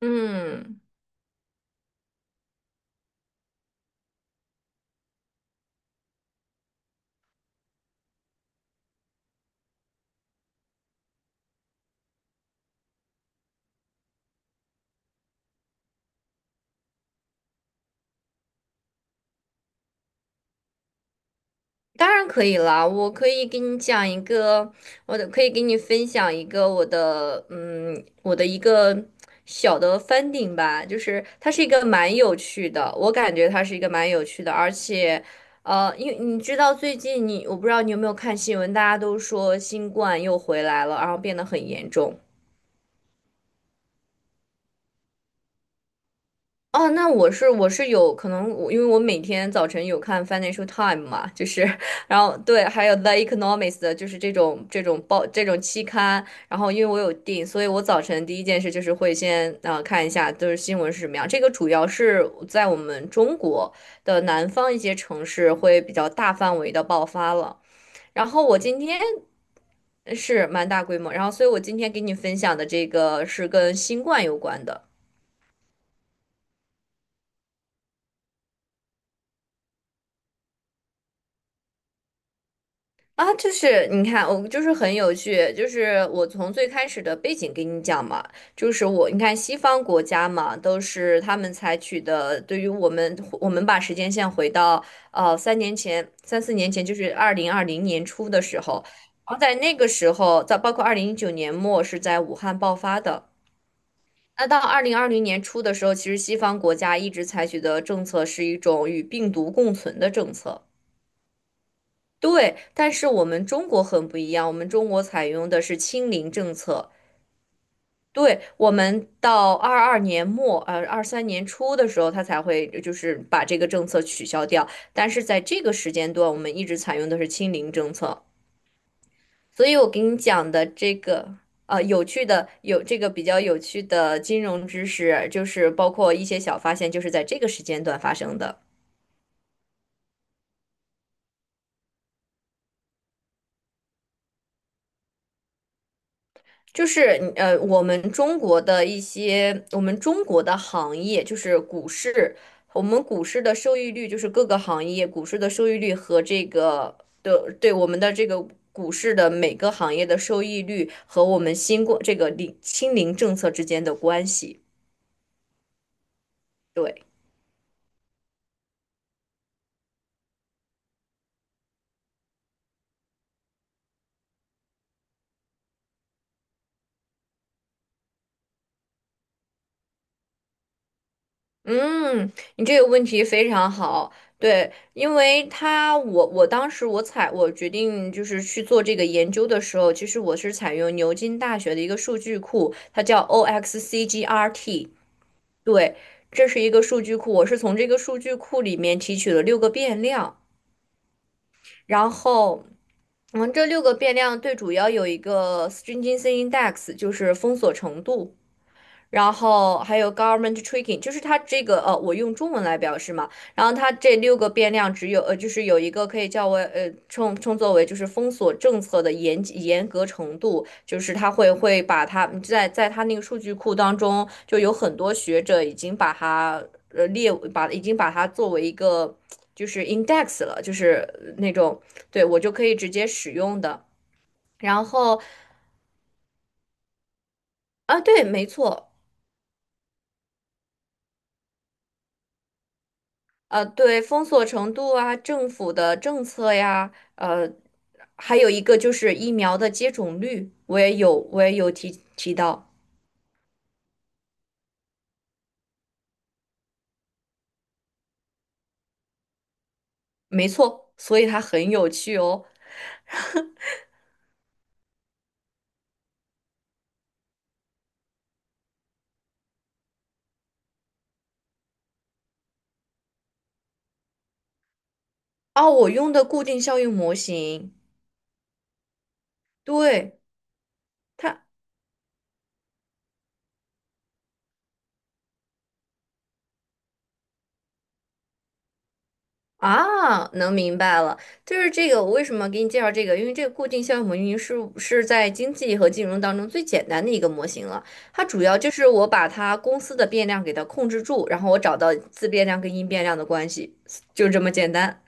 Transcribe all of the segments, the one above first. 嗯，当然可以啦。我可以给你讲一个，我可以给你分享一个我的一个小的翻顶吧。就是它是一个蛮有趣的，我感觉它是一个蛮有趣的，而且，因为你知道最近你，我不知道你有没有看新闻，大家都说新冠又回来了，然后变得很严重。哦，那我是有可能我，因为我每天早晨有看 Financial Time 嘛。就是，然后对，还有 The Economist,的就是这种报这种期刊。然后因为我有订，所以我早晨第一件事就是会先看一下就是新闻是什么样。这个主要是在我们中国的南方一些城市会比较大范围的爆发了。然后我今天是蛮大规模，然后所以我今天给你分享的这个是跟新冠有关的。啊，就是你看，我就是很有趣，就是我从最开始的背景给你讲嘛。就是我你看西方国家嘛，都是他们采取的，对于我们，我们把时间线回到3年前、3、4年前，就是二零二零年初的时候。然后在那个时候，在包括2019年末是在武汉爆发的。那到二零二零年初的时候，其实西方国家一直采取的政策是一种与病毒共存的政策。对，但是我们中国很不一样，我们中国采用的是清零政策。对，我们到22年末，23年初的时候，它才会就是把这个政策取消掉。但是在这个时间段，我们一直采用的是清零政策。所以我给你讲的这个，有趣的有这个比较有趣的金融知识，就是包括一些小发现，就是在这个时间段发生的。就是你我们中国的一些，我们中国的行业就是股市，我们股市的收益率就是各个行业股市的收益率和这个的对我们的这个股市的每个行业的收益率和我们新冠这个清零政策之间的关系。对。嗯，你这个问题非常好。对，因为他我当时我采我决定就是去做这个研究的时候，其实我是采用牛津大学的一个数据库，它叫 OXCGRT。对，这是一个数据库，我是从这个数据库里面提取了六个变量，然后。嗯，这六个变量最主要有一个 stringency index,就是封锁程度。然后还有 government tracking,就是它这个我用中文来表示嘛。然后它这六个变量只有就是有一个可以叫为称作为就是封锁政策的严格程度，就是它会把它在它那个数据库当中，就有很多学者已经把它列把已经把它作为一个就是 index 了，就是那种对我就可以直接使用的。然后啊，对，没错。对，封锁程度啊，政府的政策呀，还有一个就是疫苗的接种率，我也有，我也有提到，没错，所以它很有趣哦。哦，我用的固定效应模型。对。它。啊，能明白了，就是这个。我为什么给你介绍这个？因为这个固定效应模型是在经济和金融当中最简单的一个模型了。它主要就是我把它公司的变量给它控制住，然后我找到自变量跟因变量的关系，就这么简单。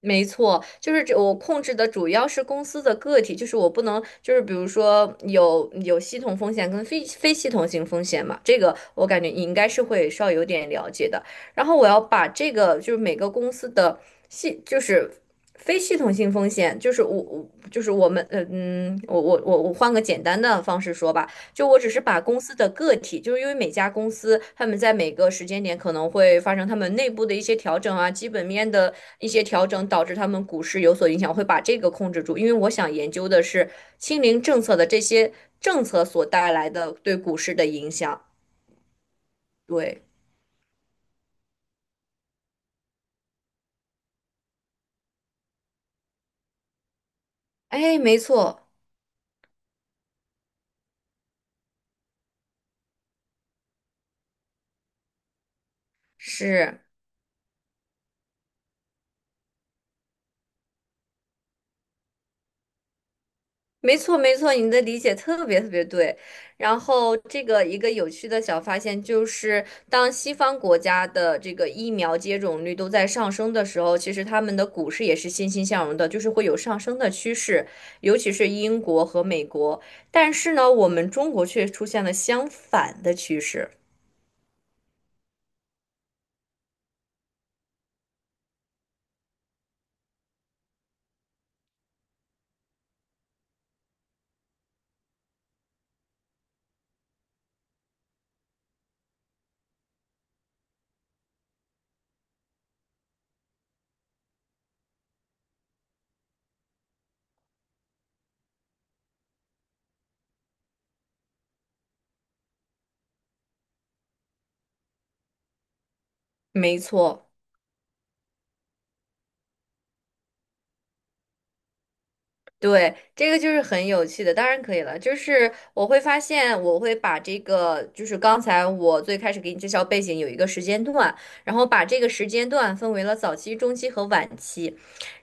没错，就是这我控制的主要是公司的个体，就是我不能，就是比如说有系统风险跟非系统性风险嘛，这个我感觉你应该是会稍微有点了解的。然后我要把这个就是每个公司的系就是非系统性风险，就是我就是我们我换个简单的方式说吧。就我只是把公司的个体，就是因为每家公司他们在每个时间点可能会发生他们内部的一些调整啊，基本面的一些调整，导致他们股市有所影响，会把这个控制住。因为我想研究的是清零政策的这些政策所带来的对股市的影响。对，哎，没错，是。没错，没错，你的理解特别特别对。然后，这个一个有趣的小发现就是，当西方国家的这个疫苗接种率都在上升的时候，其实他们的股市也是欣欣向荣的，就是会有上升的趋势，尤其是英国和美国。但是呢，我们中国却出现了相反的趋势。没错。对，这个就是很有趣的，当然可以了。就是我会发现，我会把这个，就是刚才我最开始给你介绍背景有一个时间段，然后把这个时间段分为了早期、中期和晚期。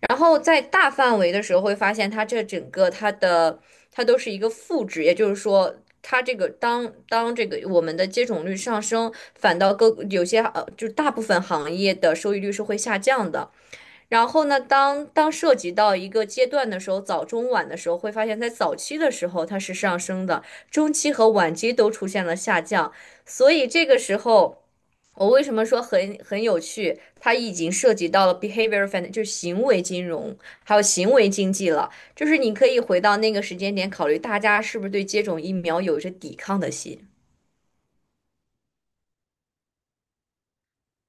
然后在大范围的时候，会发现它这整个它的它都是一个负值，也就是说，它这个当这个我们的接种率上升，反倒各有些就大部分行业的收益率是会下降的。然后呢，当涉及到一个阶段的时候，早中晚的时候，会发现在早期的时候它是上升的，中期和晚期都出现了下降，所以这个时候。我为什么说很有趣？它已经涉及到了 behavior finance,就是行为金融，还有行为经济了。就是你可以回到那个时间点，考虑大家是不是对接种疫苗有着抵抗的心。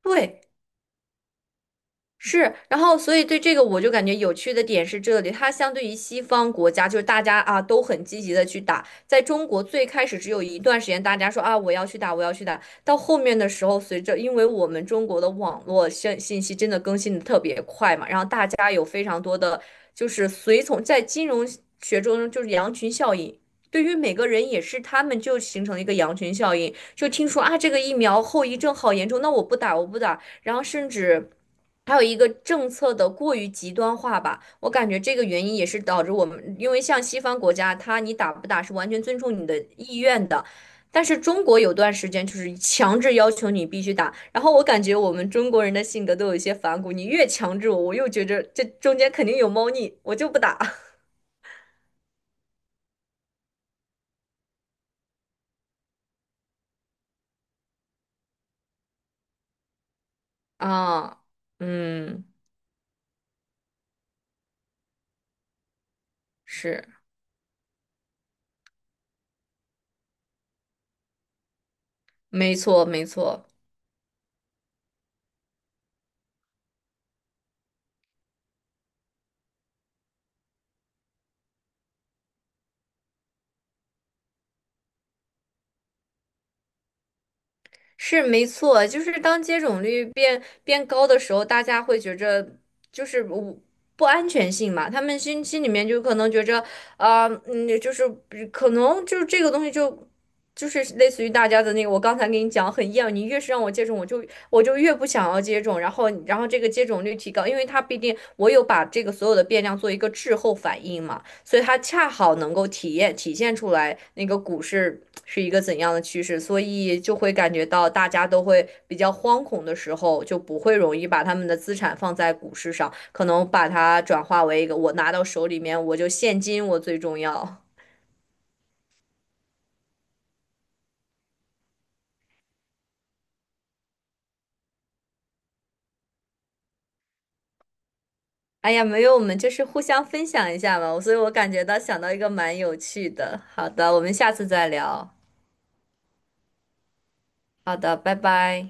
对。是，然后所以对这个我就感觉有趣的点是这里，它相对于西方国家，就是大家啊都很积极的去打，在中国最开始只有一段时间大家说啊我要去打，我要去打，到后面的时候，随着因为我们中国的网络信息真的更新的特别快嘛，然后大家有非常多的就是随从，在金融学中就是羊群效应。对于每个人也是，他们就形成了一个羊群效应，就听说啊，这个疫苗后遗症好严重，那我不打，我不打，然后甚至还有一个政策的过于极端化吧，我感觉这个原因也是导致我们，因为像西方国家，它你打不打是完全尊重你的意愿的，但是中国有段时间就是强制要求你必须打，然后我感觉我们中国人的性格都有一些反骨，你越强制我，我又觉着这中间肯定有猫腻，我就不打。 啊，嗯，是，没错，没错。是没错，就是当接种率变高的时候，大家会觉着就是不安全性嘛，他们心里面就可能觉着就是可能就是这个东西就是类似于大家的那个，我刚才跟你讲很厌恶，你越是让我接种，我就越不想要接种，然后这个接种率提高，因为它毕竟我有把这个所有的变量做一个滞后反应嘛。所以它恰好能够体现出来那个股市是一个怎样的趋势，所以就会感觉到大家都会比较惶恐的时候，就不会容易把他们的资产放在股市上，可能把它转化为一个我拿到手里面我就现金我最重要。哎呀，没有，我们就是互相分享一下嘛，所以我感觉到想到一个蛮有趣的。好的，我们下次再聊。好的，拜拜。